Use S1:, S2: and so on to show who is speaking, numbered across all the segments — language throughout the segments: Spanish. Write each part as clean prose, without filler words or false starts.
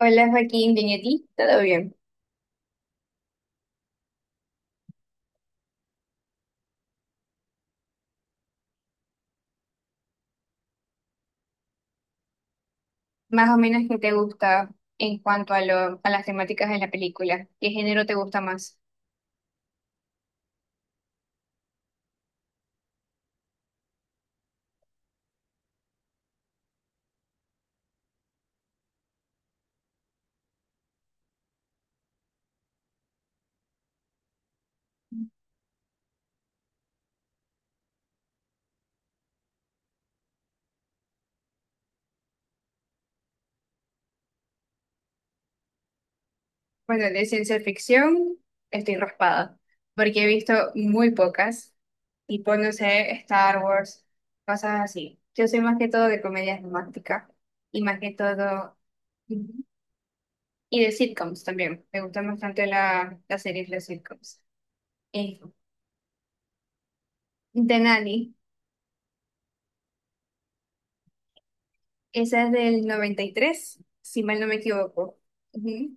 S1: Hola Joaquín, bien, ¿y a ti? ¿Todo bien? Más o menos, ¿qué te gusta en cuanto a las temáticas de la película? ¿Qué género te gusta más? Bueno, de ciencia ficción estoy raspada, porque he visto muy pocas, tipo, no sé, Star Wars, cosas así. Yo soy más que todo de comedias románticas y más que todo, Ujú, y de sitcoms también. Me gustan bastante las series de sitcoms. Eh, de Nanny. Esa es del 93, si mal no me equivoco. Ujú.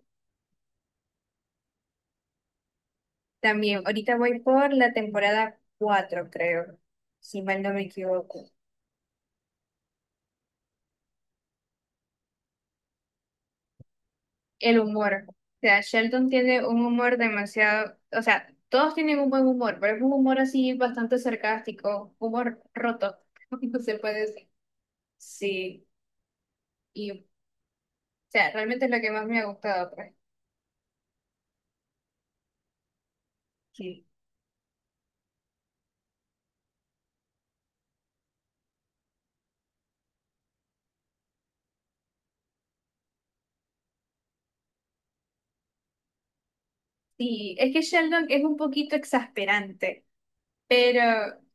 S1: También, ahorita voy por la temporada 4, creo, si mal no me equivoco. El humor. O sea, Sheldon tiene un humor demasiado, o sea, todos tienen un buen humor, pero es un humor así bastante sarcástico, humor roto, no se puede decir. Sí, y, o sea, realmente es lo que más me ha gustado, pues. Sí. Sí, es que Sheldon es un poquito exasperante. Pero,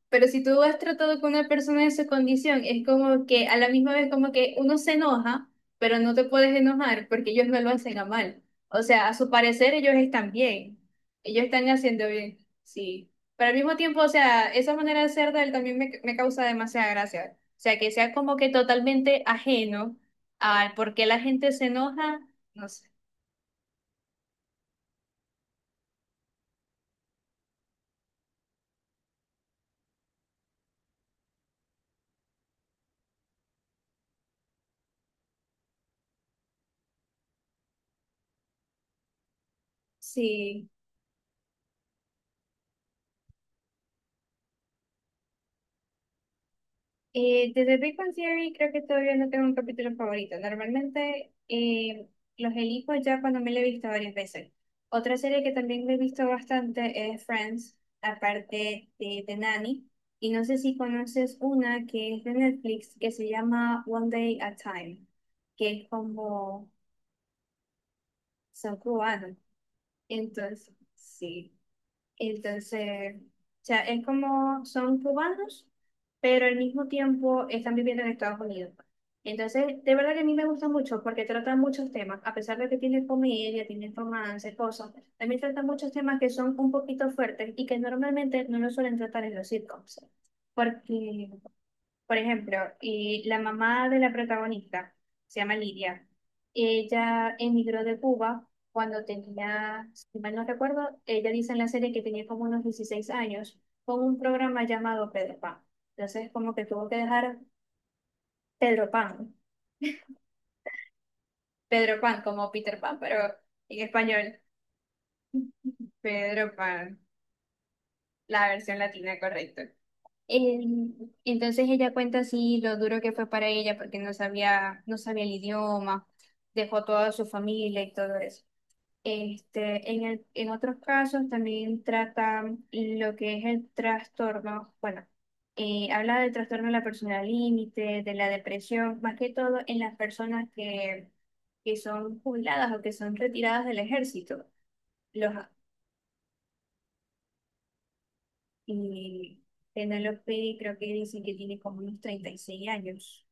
S1: pero si tú has tratado con una persona en su condición, es como que a la misma vez como que uno se enoja, pero no te puedes enojar porque ellos no lo hacen a mal. O sea, a su parecer ellos están bien. Ellos están haciendo bien. Sí. Pero al mismo tiempo, o sea, esa manera de ser de él también me causa demasiada gracia. O sea, que sea como que totalmente ajeno al por qué la gente se enoja, no sé. Sí. Desde Big Bang Theory creo que todavía no tengo un capítulo favorito. Normalmente los elijo ya cuando me lo he visto varias veces. Otra serie que también me he visto bastante es Friends, aparte de Nanny. Y no sé si conoces una que es de Netflix que se llama One Day at a Time, que es como son cubanos. Entonces, sí. Entonces, o sea, es como son cubanos, pero al mismo tiempo están viviendo en Estados Unidos. Entonces, de verdad que a mí me gusta mucho porque tratan muchos temas, a pesar de que tiene comedia, tiene romance, cosas, también tratan muchos temas que son un poquito fuertes y que normalmente no los suelen tratar en los sitcoms. Porque por ejemplo, la mamá de la protagonista, se llama Lidia, ella emigró de Cuba cuando tenía, si mal no recuerdo, ella dice en la serie que tenía como unos 16 años, con un programa llamado Pedro Pan. Entonces, como que tuvo que dejar Pedro Pan, Pedro Pan como Peter Pan, pero en español, Pedro Pan, la versión latina correcto. Em, entonces ella cuenta así lo duro que fue para ella porque no sabía el idioma, dejó toda su familia y todo eso. Este, en otros casos también trata lo que es el trastorno, bueno, habla del trastorno de la personalidad límite, de la depresión, más que todo en las personas que son jubiladas o que son retiradas del ejército. Los, y Penélope creo que dicen que tiene como unos 36 años,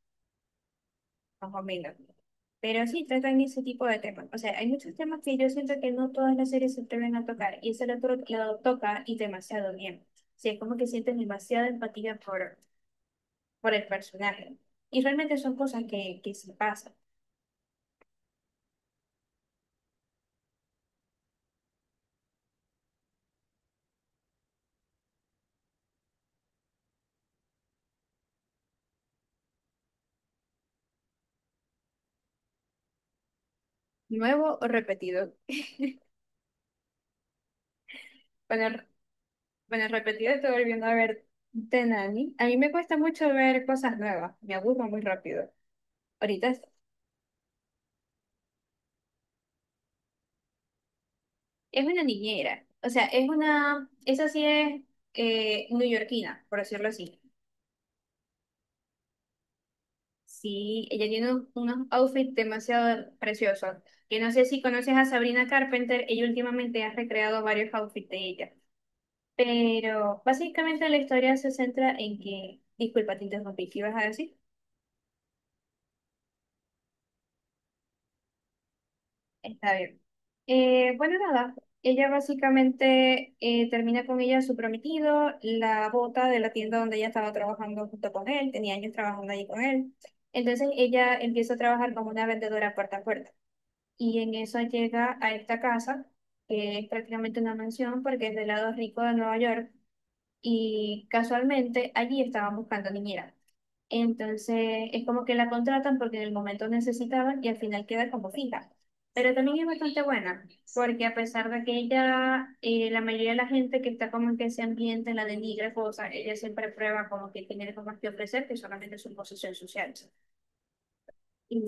S1: más o menos. Pero sí tratan ese tipo de temas. O sea, hay muchos temas que yo siento que no todas las series se atreven a tocar y ese lo toca y demasiado bien. O sea, es como que sientes demasiada empatía por el personaje. Y realmente son cosas que se pasan. ¿Nuevo o repetido? Bueno, bueno, repetido estoy volviendo a ver Tenani. A mí me cuesta mucho ver cosas nuevas. Me aburro muy rápido. Ahorita es, es una niñera. O sea, es una... Esa sí es neoyorquina, por decirlo así. Sí, ella tiene unos outfits demasiado preciosos. Que no sé si conoces a Sabrina Carpenter, ella últimamente ha recreado varios outfits de ella. Pero básicamente la historia se centra en que, disculpa, te interrumpí, ¿qué ibas a decir? Está bien. Bueno, nada, ella básicamente termina con ella su prometido, la bota de la tienda donde ella estaba trabajando junto con él, tenía años trabajando allí con él. Entonces ella empieza a trabajar como una vendedora puerta a puerta, y en eso llega a esta casa, que es prácticamente una mansión porque es del lado rico de Nueva York, y casualmente allí estaban buscando niñera. Entonces es como que la contratan porque en el momento necesitaban y al final queda como fija. Pero también es bastante buena, porque a pesar de que ella, la mayoría de la gente que está como en ese ambiente la denigra, cosa, ella siempre prueba como que tiene algo más que ofrecer que solamente su posición social. Y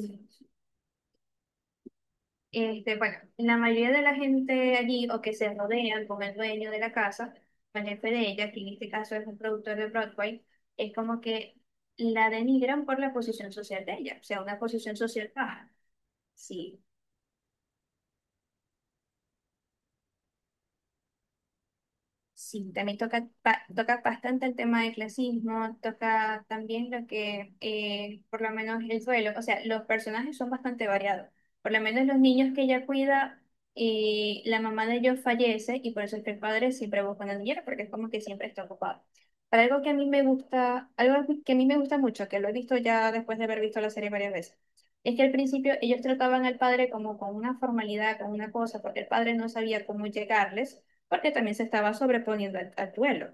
S1: Este, bueno, la mayoría de la gente allí o que se rodean con el dueño de la casa, con el jefe de ella, que en este caso es un productor de Broadway, es como que la denigran por la posición social de ella, o sea, una posición social baja. Sí, sí, también toca, toca bastante el tema del clasismo, toca también lo que, por lo menos el duelo, o sea, los personajes son bastante variados. Por lo menos los niños que ella cuida, la mamá de ellos fallece y por eso es que el padre siempre busca una niñera, porque es como que siempre está ocupado. Pero algo que a mí me gusta, algo que a mí me gusta mucho, que lo he visto ya después de haber visto la serie varias veces, es que al principio ellos trataban al padre como con una formalidad, con una cosa, porque el padre no sabía cómo llegarles porque también se estaba sobreponiendo al duelo.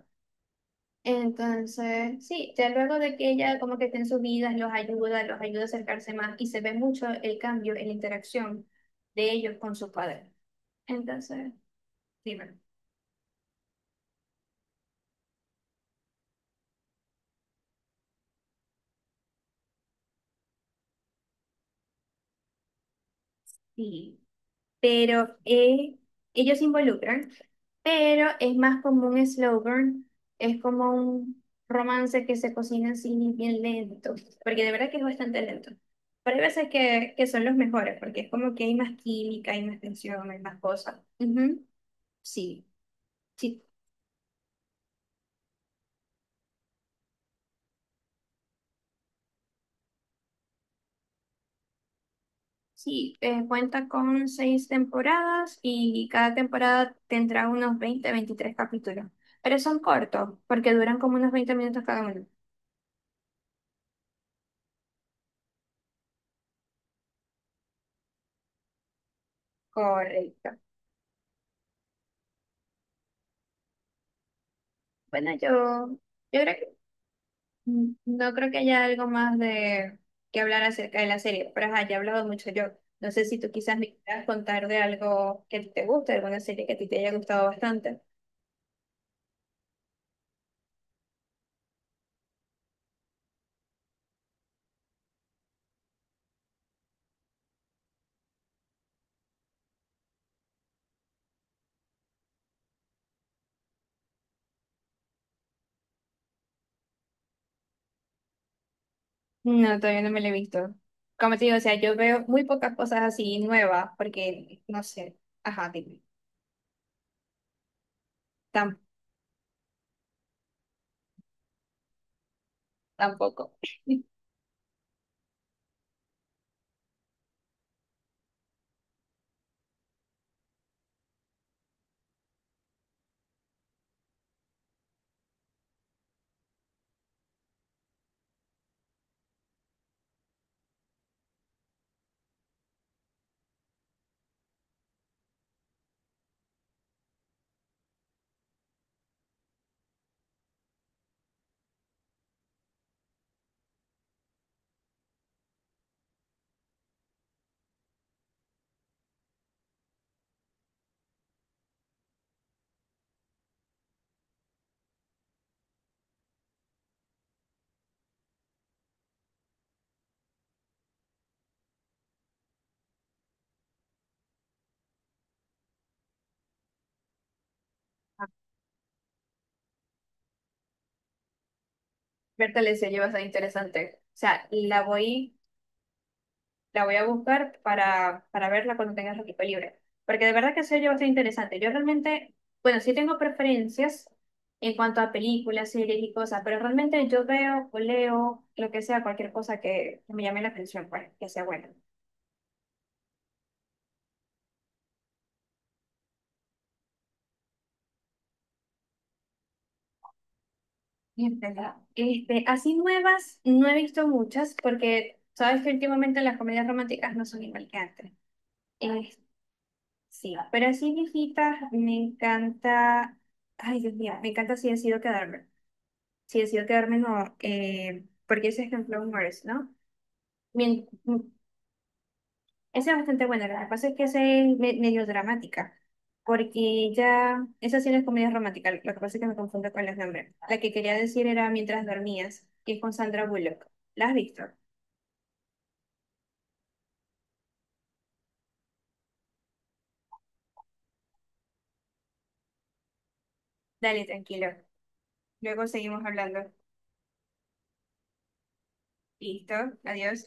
S1: Entonces, sí, ya luego de que ella como que esté en sus vidas, los ayuda a acercarse más y se ve mucho el cambio en la interacción de ellos con su padre. Entonces, dime. ¿Y pero eh, ellos se involucran, pero es más como un slow burn, es como un romance que se cocina así bien lento, porque de verdad que es bastante lento. Pero hay veces que son los mejores, porque es como que hay más química, hay más tensión, hay más cosas. Ujú, Sí, sí, sí, cuenta con 6 temporadas y cada temporada tendrá unos 20-23 capítulos, pero son cortos, porque duran como unos 20 minutos cada uno. Correcto. Bueno, yo, yo creo que no creo que haya algo más de que hablar acerca de la serie, pero ajá, ya he hablado mucho yo. No sé si tú quizás me quieras contar de algo que a ti te guste, alguna serie que a ti te haya gustado bastante. No, todavía no me la he visto. Como te digo, o sea, yo veo muy pocas cosas así nuevas, porque no sé, ajá, dime, tam- tampoco. Berta le se bastante interesante. O sea, la voy. La voy a buscar para verla cuando tenga el equipo libre. Porque de verdad que se yo bastante interesante. Yo realmente, bueno, sí tengo preferencias en cuanto a películas, series y cosas, pero realmente yo veo o leo lo que sea, cualquier cosa que me llame la atención, pues, que sea buena. Es verdad. Este, así nuevas, no he visto muchas, porque sabes que últimamente las comedias románticas no son igual que antes. Eh, sí, pero así viejitas, me encanta. Ay, Dios mío, me encanta si decido quedarme. Si decido quedarme no, porque ese es en Flow, ¿no? Bien, esa es bastante buena, lo que pasa es que esa es medio dramática, porque ya, esa sí no es comedia romántica, lo que pasa es que me confundo con los nombres. La que quería decir era Mientras dormías, que es con Sandra Bullock. ¿La has visto? Dale, tranquilo. Luego seguimos hablando. Listo, adiós.